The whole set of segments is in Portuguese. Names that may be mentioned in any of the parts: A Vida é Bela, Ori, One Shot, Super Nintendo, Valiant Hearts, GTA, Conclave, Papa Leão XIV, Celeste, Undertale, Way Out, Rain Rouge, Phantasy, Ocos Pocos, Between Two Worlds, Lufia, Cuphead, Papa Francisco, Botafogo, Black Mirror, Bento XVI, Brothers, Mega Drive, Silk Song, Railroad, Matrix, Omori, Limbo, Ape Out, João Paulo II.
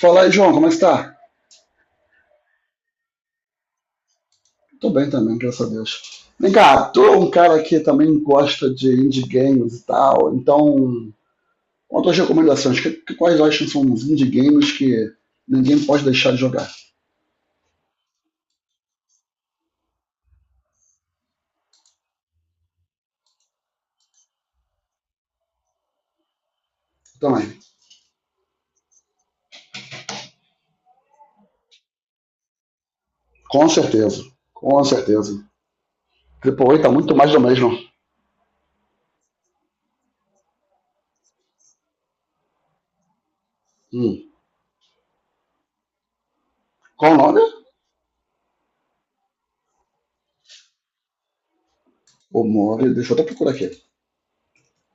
Fala aí, João, como é que está? Tô bem também, graças a Deus. Vem cá, tô um cara que também gosta de indie games e tal, então, outras recomendações, quais acham que são os indie games que ninguém pode deixar de jogar? Também, com certeza, com certeza. Triple A tá muito mais do mesmo. Hum. Qual o nome? Omori, deixa eu até procurar aqui.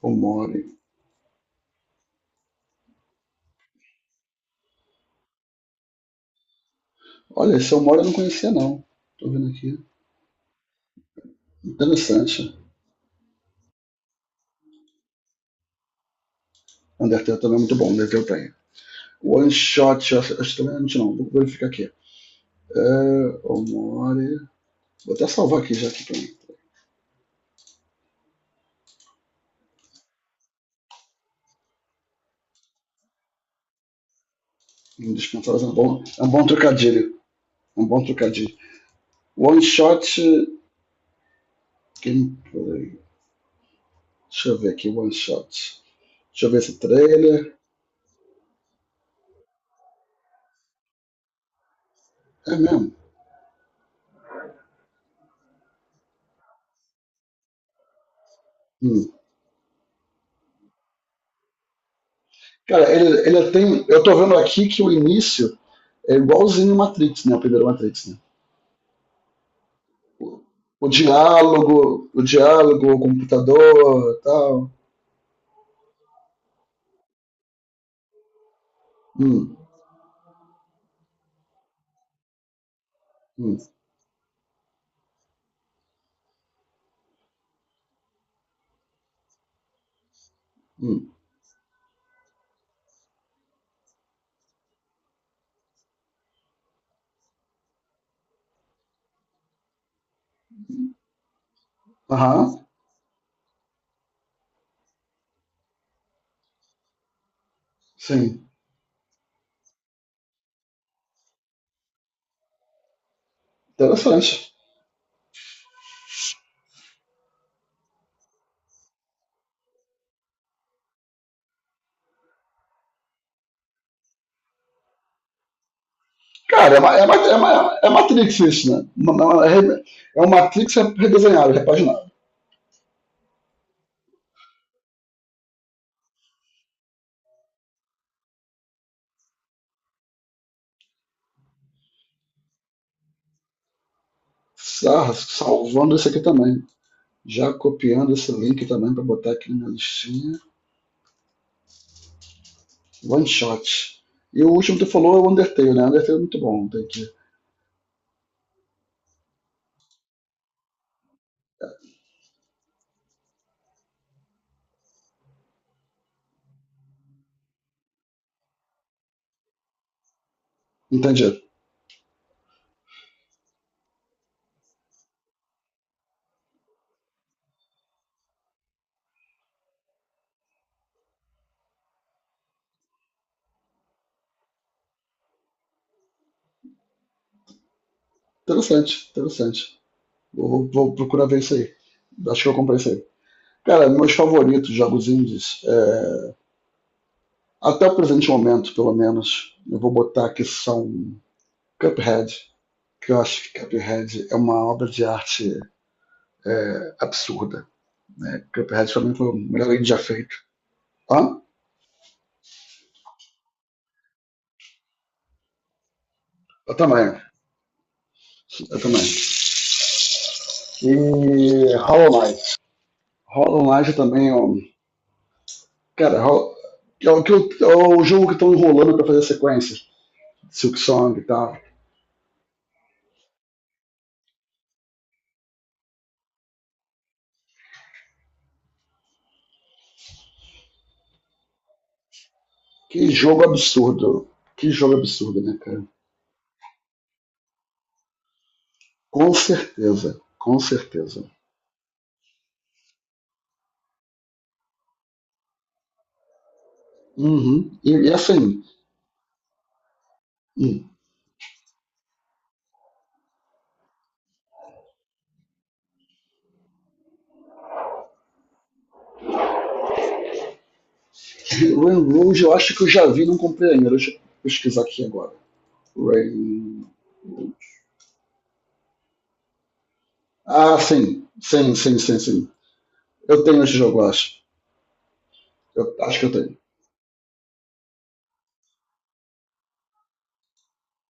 Omori. Olha, esse Omori eu não conhecia, não. Tô vendo aqui. Interessante. Undertale também é muito bom, Undertale tem. One Shot, eu acho que também é antes não, vou verificar aqui. É, Omori. Vou até salvar aqui já aqui pra não descansar. É um bom trocadilho. É um bom trocadilho. One shot. Quem, deixa eu ver aqui, one shot. Deixa eu ver esse trailer. É mesmo. Hum. Cara, ele tem. Eu tô vendo aqui que o início é igualzinho o Matrix, né? O primeiro Matrix, né? O diálogo, o computador e tal. Hum, hum, hum. Aham, sim. Interessante. Cara, é Matrix isso, né? É um Matrix redesenhado, repaginado. Ah, salvando esse aqui também. Já copiando esse link também para botar aqui na minha listinha. One shot. E o último que tu falou é o Undertale, né? Undertale é muito bom. Tem que... Entendi. Interessante, interessante. Vou procurar ver isso aí. Acho que eu comprei isso aí. Cara, meus favoritos jogos indies, é... até o presente momento, pelo menos, eu vou botar que são Cuphead, que eu acho que Cuphead é uma obra de arte absurda. Né? Cuphead também mim foi o melhor game já feito. Hã? Eu também. Eu também. E Hollow Knight. Hollow Knight também é um... Cara, é o jogo que estão enrolando para fazer sequência. Silk Song e tal. Que jogo absurdo. Que jogo absurdo, né, cara? Com certeza. Com certeza. Uhum. E assim, hum, Rain Rouge eu acho que eu já vi, não comprei ainda. Deixa eu pesquisar aqui agora. Rain. Ah, sim. Sim, sim, sim, sim. Eu tenho esse jogo, eu acho. Eu acho que eu tenho.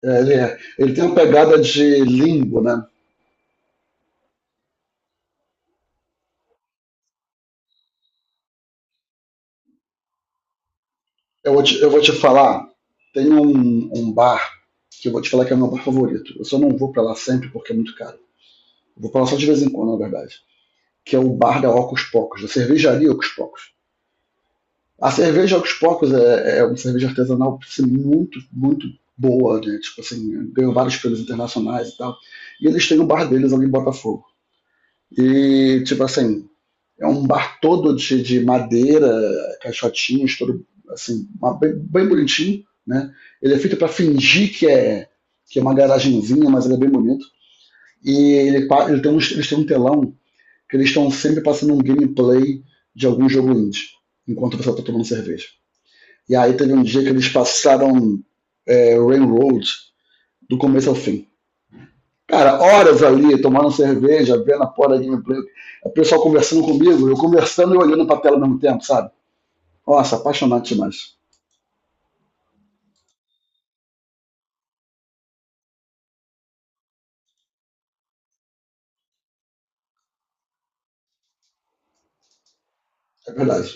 Ele tem uma pegada de limbo, né? Eu vou te falar, tem um bar que eu vou te falar que é o meu bar favorito. Eu só não vou pra lá sempre porque é muito caro. Eu vou pra lá só de vez em quando, na verdade. Que é o bar da Ocos Pocos, da cervejaria Ocos Pocos. A cerveja aos poucos é uma cerveja artesanal assim, muito, muito boa, né? Tipo assim, ganhou vários prêmios internacionais e tal. E eles têm o bar deles ali em Botafogo. E, tipo assim, é um bar todo de madeira, caixotinhos, todo assim, uma, bem, bem, bonitinho, né? Ele é feito para fingir que é uma garagenzinha, mas ele é bem bonito. Eles têm um telão que eles estão sempre passando um gameplay de algum jogo indie, enquanto você está tomando cerveja. E aí teve um dia que eles passaram Railroad do começo ao fim. Cara, horas ali, tomando cerveja, vendo a porra da gameplay, o pessoal conversando comigo, eu conversando e olhando pra tela ao mesmo tempo, sabe? Nossa, apaixonante demais. É verdade.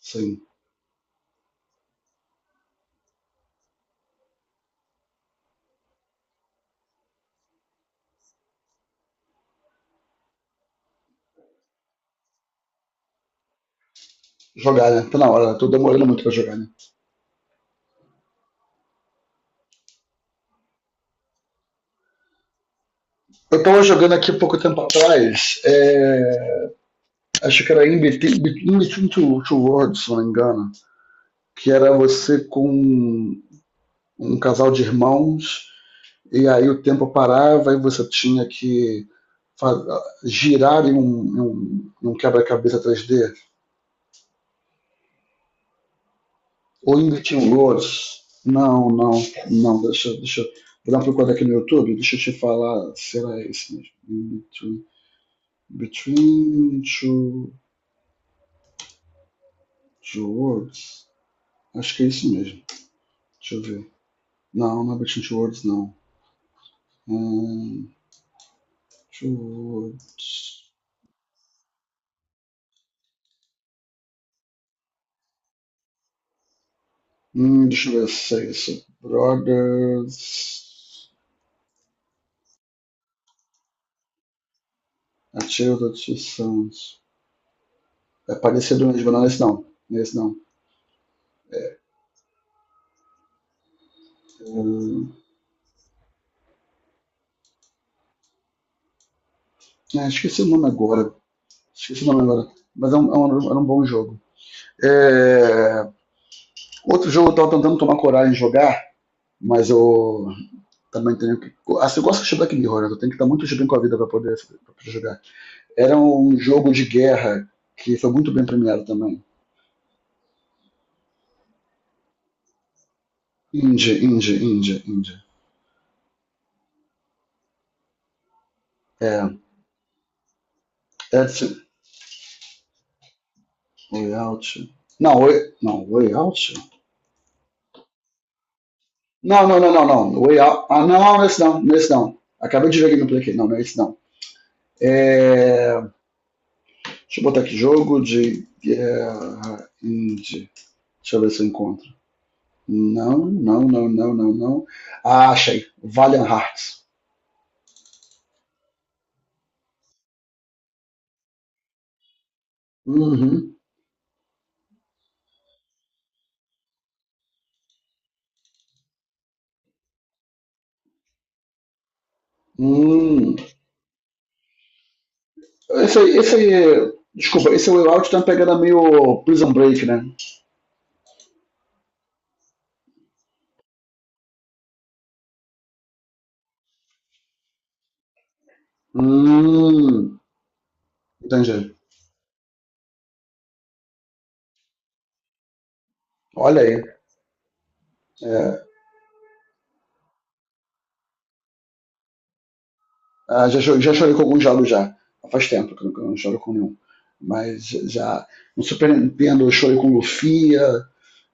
Sim. Jogar, né? Tá na hora, tô demorando muito pra jogar, né? Eu tava jogando aqui pouco tempo atrás. Acho que era In Between Two Worlds, se não me engano, que era você com um casal de irmãos e aí o tempo parava e você tinha que girar em um quebra-cabeça 3D? Ou invertiam louros? Não, não, não, deixa eu Vou dar uma procurada aqui no YouTube, deixa eu te falar Será era esse mesmo. Between two Worlds. Acho que é isso mesmo. Deixa eu ver. Não, não é Between Two Worlds, não. Hum, two Worlds. Deixa eu ver se é isso. Brothers. Artigo do Ortiz Santos. É parecido mesmo, não, esse não. Esse não. Esqueci o nome agora. Esqueci o nome agora. Mas era um bom jogo. É, Outro jogo eu tava tentando tomar coragem de jogar, mas eu também tenho que. Assim, eu gosto de Black Mirror, né? Eu tenho que estar muito de bem com a vida para poder jogar. Era um jogo de guerra que foi muito bem premiado também. Indie, indie, indie, indie. É. Edson, Way Out. Não, Way, não, Way Out? Não, não, não, não, não. Way Out. Ah, não, não é esse não, nesse não. Acabei de ver gameplay aqui. Não, não é esse não. É, Deixa eu botar aqui jogo de guerra indie. Deixa eu ver se eu encontro. Não, não, não, não, não, não. Ah, achei. Valiant Hearts. Uhum. Hum. Esse aí, esse aí. Desculpa, esse Way Out tá pegando meio Prison Break, né? Hum. Entendi. Olha aí. É, já chorei com alguns jogos já. Faz tempo que eu não choro com nenhum. Mas já no Super Nintendo eu chorei com Lufia,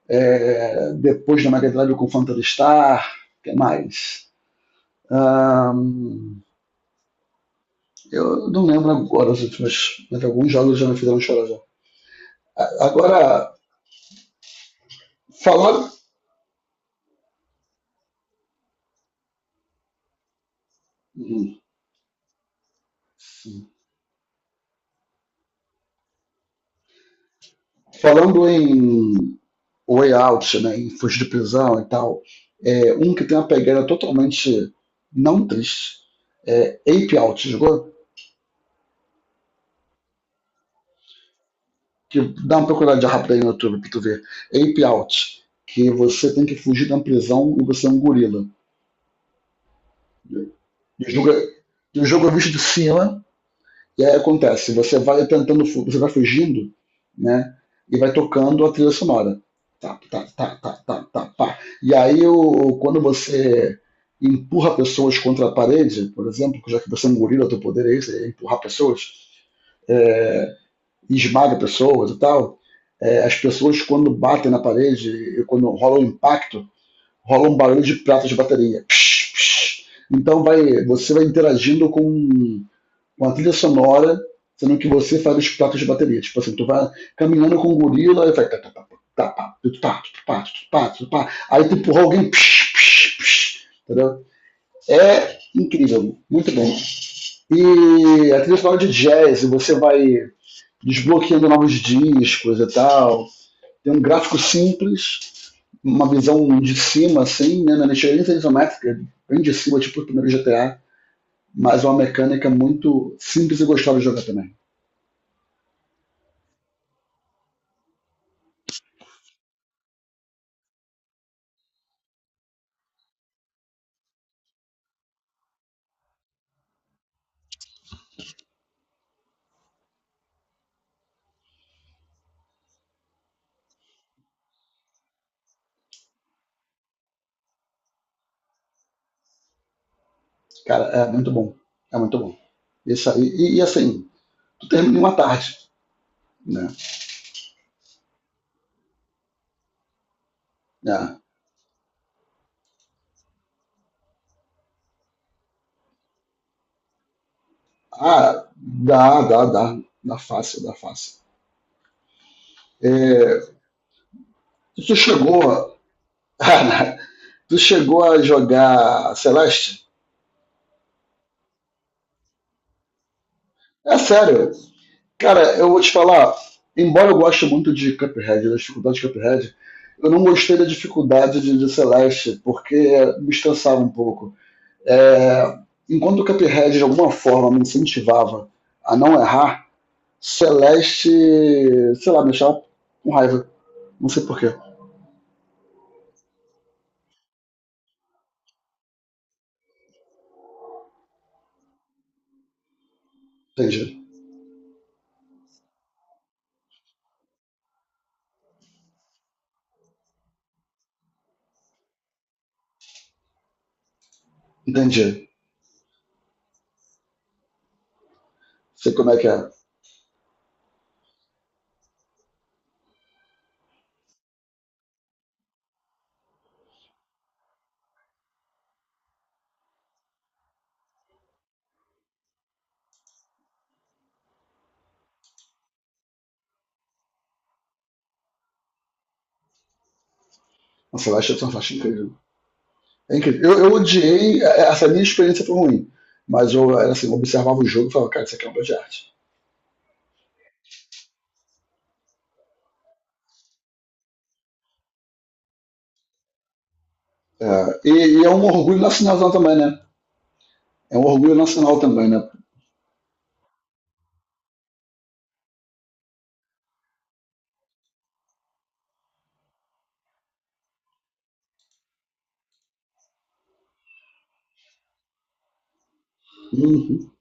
depois na Mega Drive com Phantasy o que mais? Ahn, eu não lembro agora os últimos, mas alguns jogos já me fizeram chorar já. Agora, falando, hum, falando em Way Out, né, em Fugir de Prisão e tal, um que tem uma pegada totalmente não triste, é Ape Out, jogou? Que dá uma procuradinha rápida aí no YouTube pra tu ver. Ape Out, que você tem que fugir da prisão e você é um gorila. E o jogo é, e o jogo é visto de cima, e aí acontece, você vai tentando, você vai fugindo, né? E vai tocando a trilha sonora. Tá, tá, tá, tá, tá, tá, pá. Quando você empurra pessoas contra a parede, por exemplo, já que você é um gorila, teu poder é esse, é empurrar pessoas, é, e esmaga pessoas e tal, as pessoas quando batem na parede e quando rola um impacto, rola um barulho de pratas de bateria. Psh, psh. Então vai, você vai interagindo com a trilha sonora, sendo que você faz os pratos de bateria. Tipo assim, tu vai caminhando com um gorila e vai. Tá, tá, tá, tá, tá, tá, tá, tá, Aí tu empurra alguém. Psh, psh, psh, entendeu? É incrível, muito bom. E a trilha sonora de jazz, você vai desbloqueando novos discos e tal. Tem um gráfico simples, uma visão de cima, assim, né, na mexerinha isométrica, bem de cima, tipo o primeiro GTA, mas uma mecânica muito simples e gostosa de jogar também. Cara, é muito bom. É muito bom. Isso aí, e assim, tu termina em uma tarde, né? É. Ah, dá, dá, dá. Dá fácil, dá fácil. É, Tu chegou. Tu chegou a jogar Celeste? É sério. Cara, eu vou te falar, embora eu goste muito de Cuphead, da dificuldade de Cuphead, eu não gostei da dificuldade de Celeste, porque me estressava um pouco. É, Enquanto o Cuphead de alguma forma me incentivava a não errar, Celeste, sei lá, me deixava com raiva. Não sei porquê. Entendi. Entendi. Sei como é que é. A Celeste é fantástico, incrível. É incrível. Eu odiei, essa minha experiência foi ruim. Mas eu, era assim, eu observava o jogo e falava, cara, isso aqui é uma obra de arte. É, e, É um orgulho nacional também, né? É um orgulho nacional também, né? Uhum.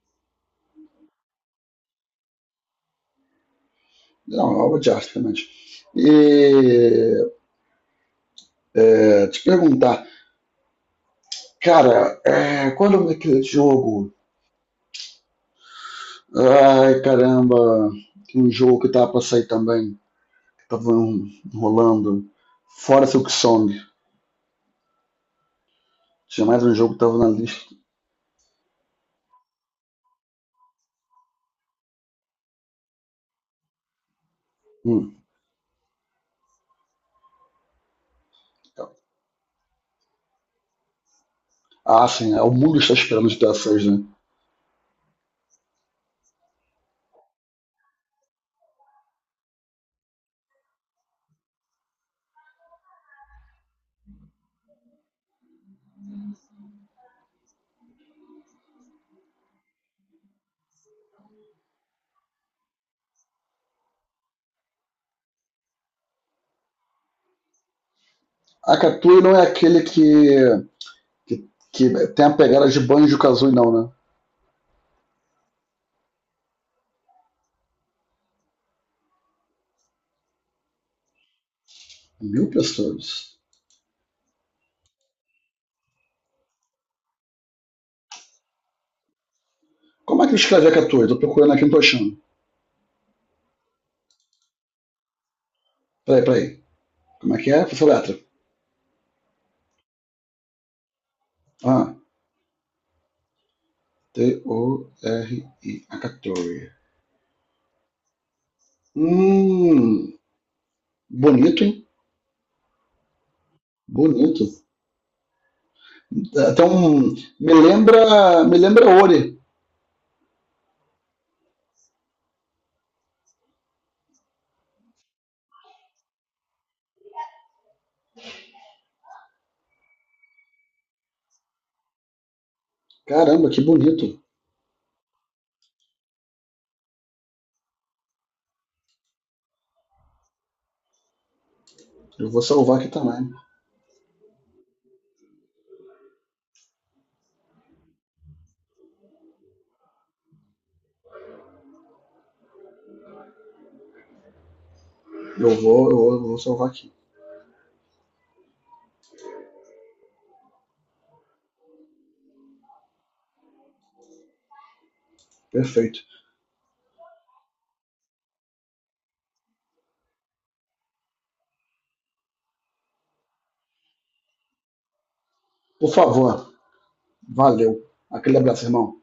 Não, é uma obra de arte, realmente. E Te perguntar, cara, qual é o nome daquele jogo? Ai, caramba, tem um jogo que tava pra sair também, que tava rolando. Fora Silk Song. Tinha mais um jogo que tava na lista. Hum. Então. Ah, sim, o mundo está esperando de dessas, né? A Katui não é aquele que, que tem a pegada de Banjo Kazooie, não, né? Mil pastores. Como é que eu escrevi a 14? Tô procurando aqui, não tô achando. Peraí, peraí. Como é que é? Essa letra. Ah, T-O-R-I, a 14. Hum, bonito, hein? Bonito. Até um. Me lembra. Me lembra Ori. Caramba, que bonito. Eu vou salvar aqui também. Eu vou salvar aqui. Perfeito. Por favor, valeu. Aquele abraço, irmão.